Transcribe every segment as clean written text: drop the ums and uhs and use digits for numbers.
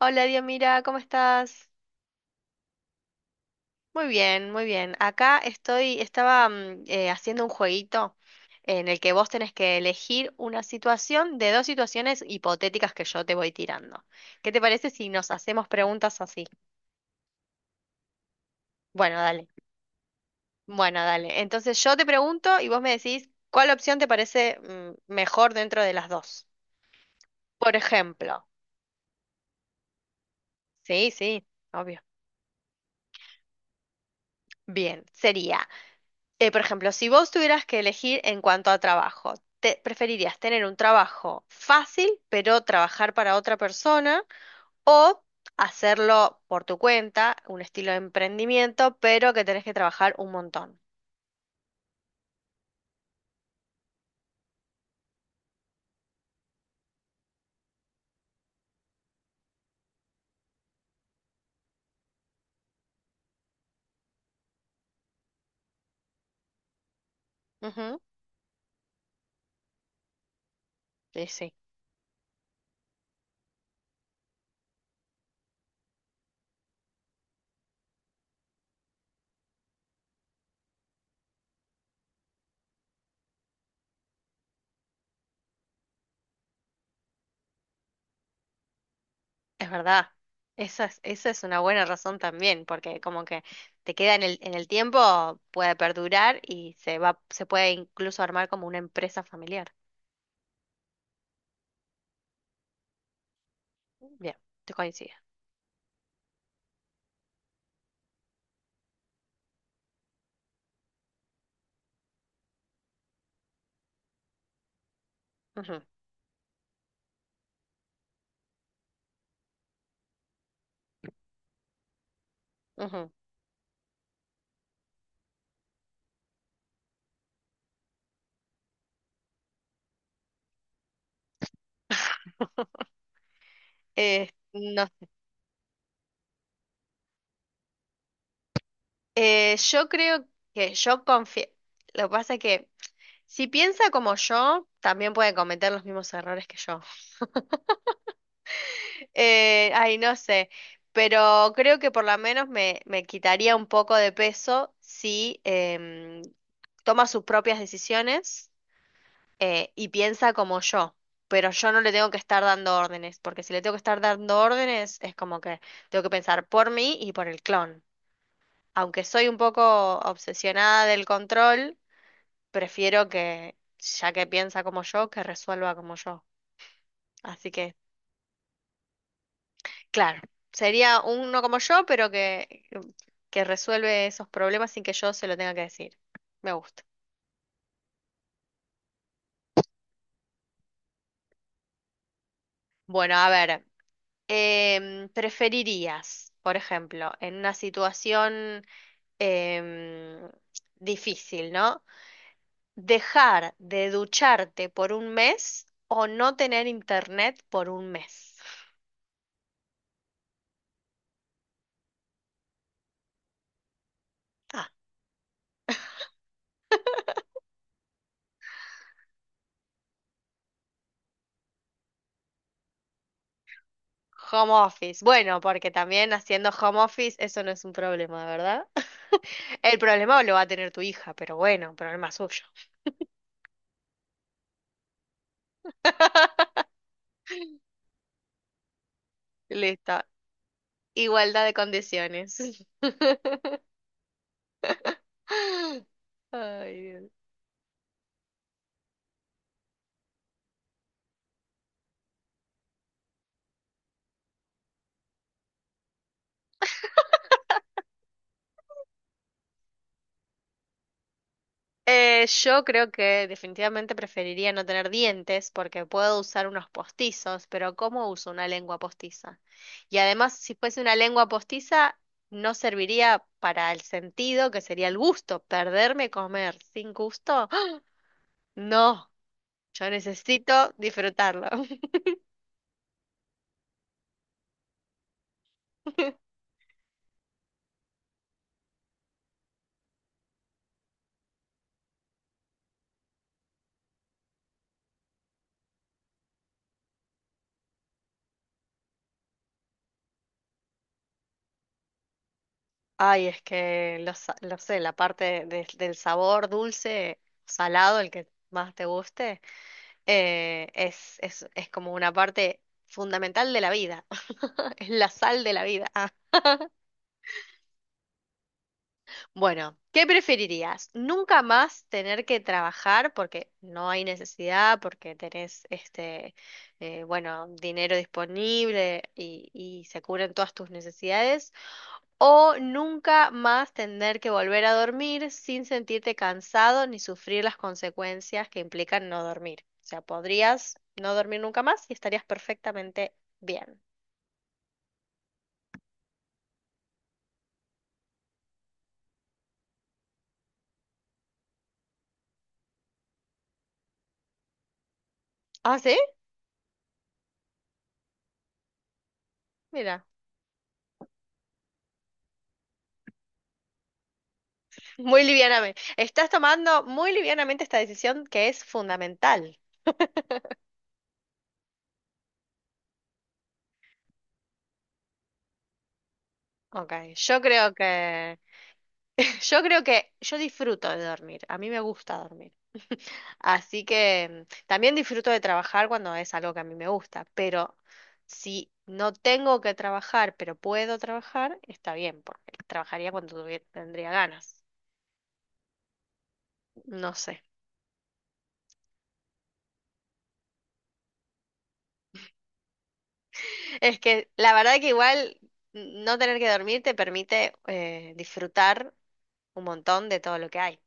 Hola, Diomira, ¿cómo estás? Muy bien, muy bien. Acá estoy, estaba haciendo un jueguito en el que vos tenés que elegir una situación de dos situaciones hipotéticas que yo te voy tirando. ¿Qué te parece si nos hacemos preguntas así? Bueno, dale. Bueno, dale. Entonces yo te pregunto y vos me decís cuál opción te parece mejor dentro de las dos. Por ejemplo. Sí, sí, obvio. Bien, sería. Por ejemplo, si vos tuvieras que elegir en cuanto a trabajo, ¿te preferirías tener un trabajo fácil, pero trabajar para otra persona, o hacerlo por tu cuenta, un estilo de emprendimiento, pero que tenés que trabajar un montón? Ujú. Sí, sí, es verdad. Esa es una buena razón también, porque como que te queda en el tiempo, puede perdurar y se puede incluso armar como una empresa familiar. Bien, te coincido. Ujú, ujú. No. Yo creo que yo confío. Lo que pasa es que si piensa como yo, también puede cometer los mismos errores que yo. Ay, no sé. Pero creo que por lo menos me quitaría un poco de peso si toma sus propias decisiones y piensa como yo. Pero yo no le tengo que estar dando órdenes, porque si le tengo que estar dando órdenes, es como que tengo que pensar por mí y por el clon. Aunque soy un poco obsesionada del control, prefiero que, ya que piensa como yo, que resuelva como yo. Así que, claro, sería uno como yo, pero que resuelve esos problemas sin que yo se lo tenga que decir. Me gusta. Bueno, a ver, ¿preferirías, por ejemplo, en una situación em, difícil, ¿no? Dejar de ducharte por un mes o no tener internet por un mes. Ah, home office. Bueno, porque también haciendo home office eso no es un problema, ¿verdad? El problema lo va a tener tu hija, pero bueno, problema suyo. Listo. Igualdad de condiciones. Ay, Dios. Yo creo que definitivamente preferiría no tener dientes porque puedo usar unos postizos, pero ¿cómo uso una lengua postiza? Y además, si fuese una lengua postiza, no serviría para el sentido, que sería el gusto, perderme comer sin gusto. No, yo necesito disfrutarlo. Ay, es que sa- lo sé, la parte de- del sabor dulce, salado, el que más te guste, es como una parte fundamental de la vida. Es la sal de la vida. Ah, bueno, ¿qué preferirías? ¿Nunca más tener que trabajar porque no hay necesidad, porque tenés bueno, dinero disponible y se cubren todas tus necesidades? O nunca más tener que volver a dormir sin sentirte cansado ni sufrir las consecuencias que implican no dormir. O sea, podrías no dormir nunca más y estarías perfectamente bien. Ah, ¿sí? Mira, muy livianamente. Estás tomando muy livianamente esta decisión que es fundamental. Ok, yo creo que, yo creo que yo disfruto de dormir. A mí me gusta dormir. Así que también disfruto de trabajar cuando es algo que a mí me gusta, pero si no tengo que trabajar, pero puedo trabajar, está bien, porque trabajaría cuando tuvie- tendría ganas. No sé. Es que la verdad que igual no tener que dormir te permite disfrutar un montón de todo lo que hay.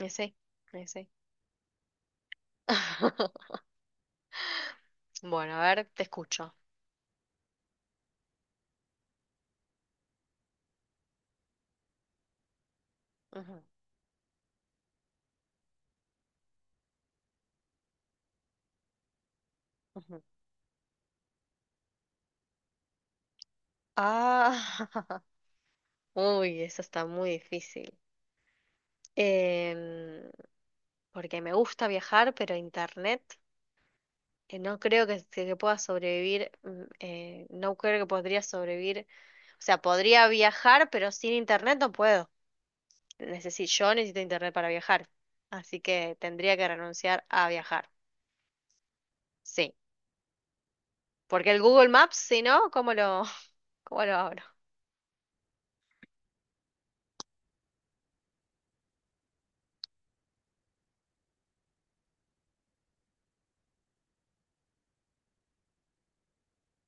Sí, sí. Bueno, a ver, te escucho. Ujú, ujú. Ah, uy, eso está muy difícil. Em, porque me gusta viajar, pero internet no creo que pueda sobrevivir, no creo que podría sobrevivir, o sea, podría viajar, pero sin internet no puedo. Yo necesito internet para viajar, así que tendría que renunciar a viajar, sí, porque el Google Maps, si no, ¿cómo lo, cómo lo abro?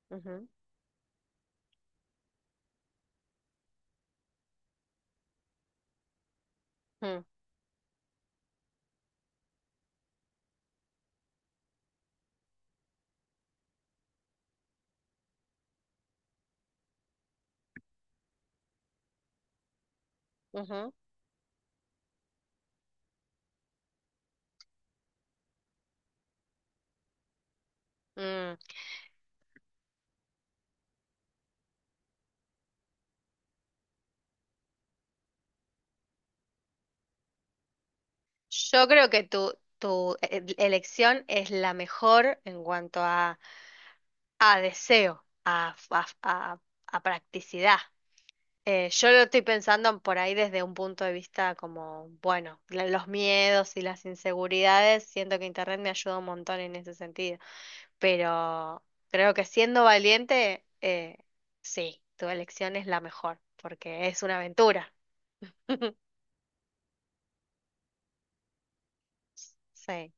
Ujú, mm, ujú, mm. Yo creo que tu elección es la mejor en cuanto a deseo, a practicidad. Yo lo estoy pensando por ahí desde un punto de vista como, bueno, los miedos y las inseguridades. Siento que Internet me ayuda un montón en ese sentido. Pero creo que siendo valiente, sí, tu elección es la mejor, porque es una aventura. Sí,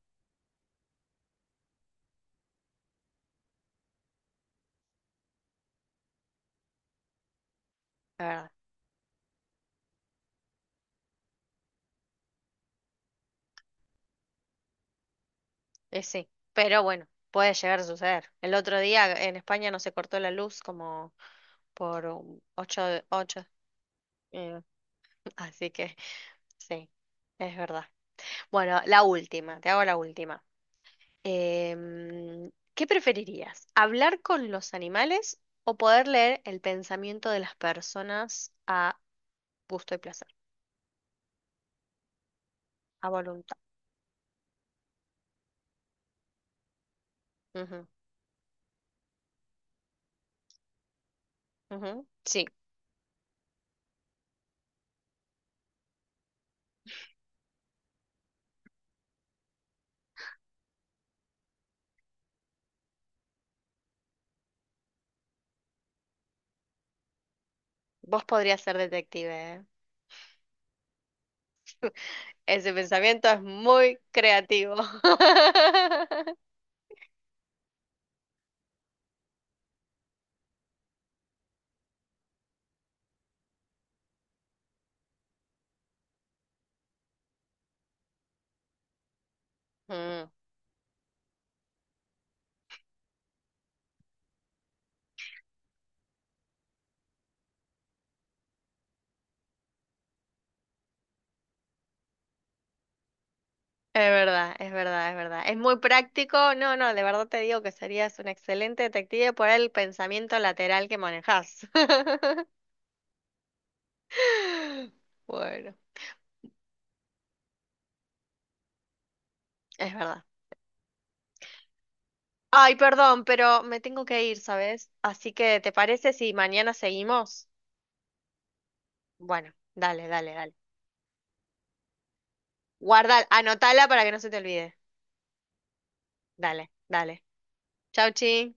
la verdad. Sí, pero bueno, puede llegar a suceder. El otro día en España no se cortó la luz como por un ocho, ocho, eh, así que sí, es verdad. Bueno, la última, te hago la última. Em, ¿qué preferirías? ¿Hablar con los animales o poder leer el pensamiento de las personas a gusto y placer, a voluntad? Ujú, ujú. Sí, vos podrías ser detective, ¿eh? Ese pensamiento es muy creativo. Mm, es verdad, es verdad, es verdad. Es muy práctico. No, no, de verdad te digo que serías un excelente detective por el pensamiento lateral que manejas. Bueno, es verdad. Ay, perdón, pero me tengo que ir, ¿sabes? Así que, ¿te parece si mañana seguimos? Bueno, dale, dale, dale. Guarda, anotala para que no se te olvide. Dale, dale. Chau, chi.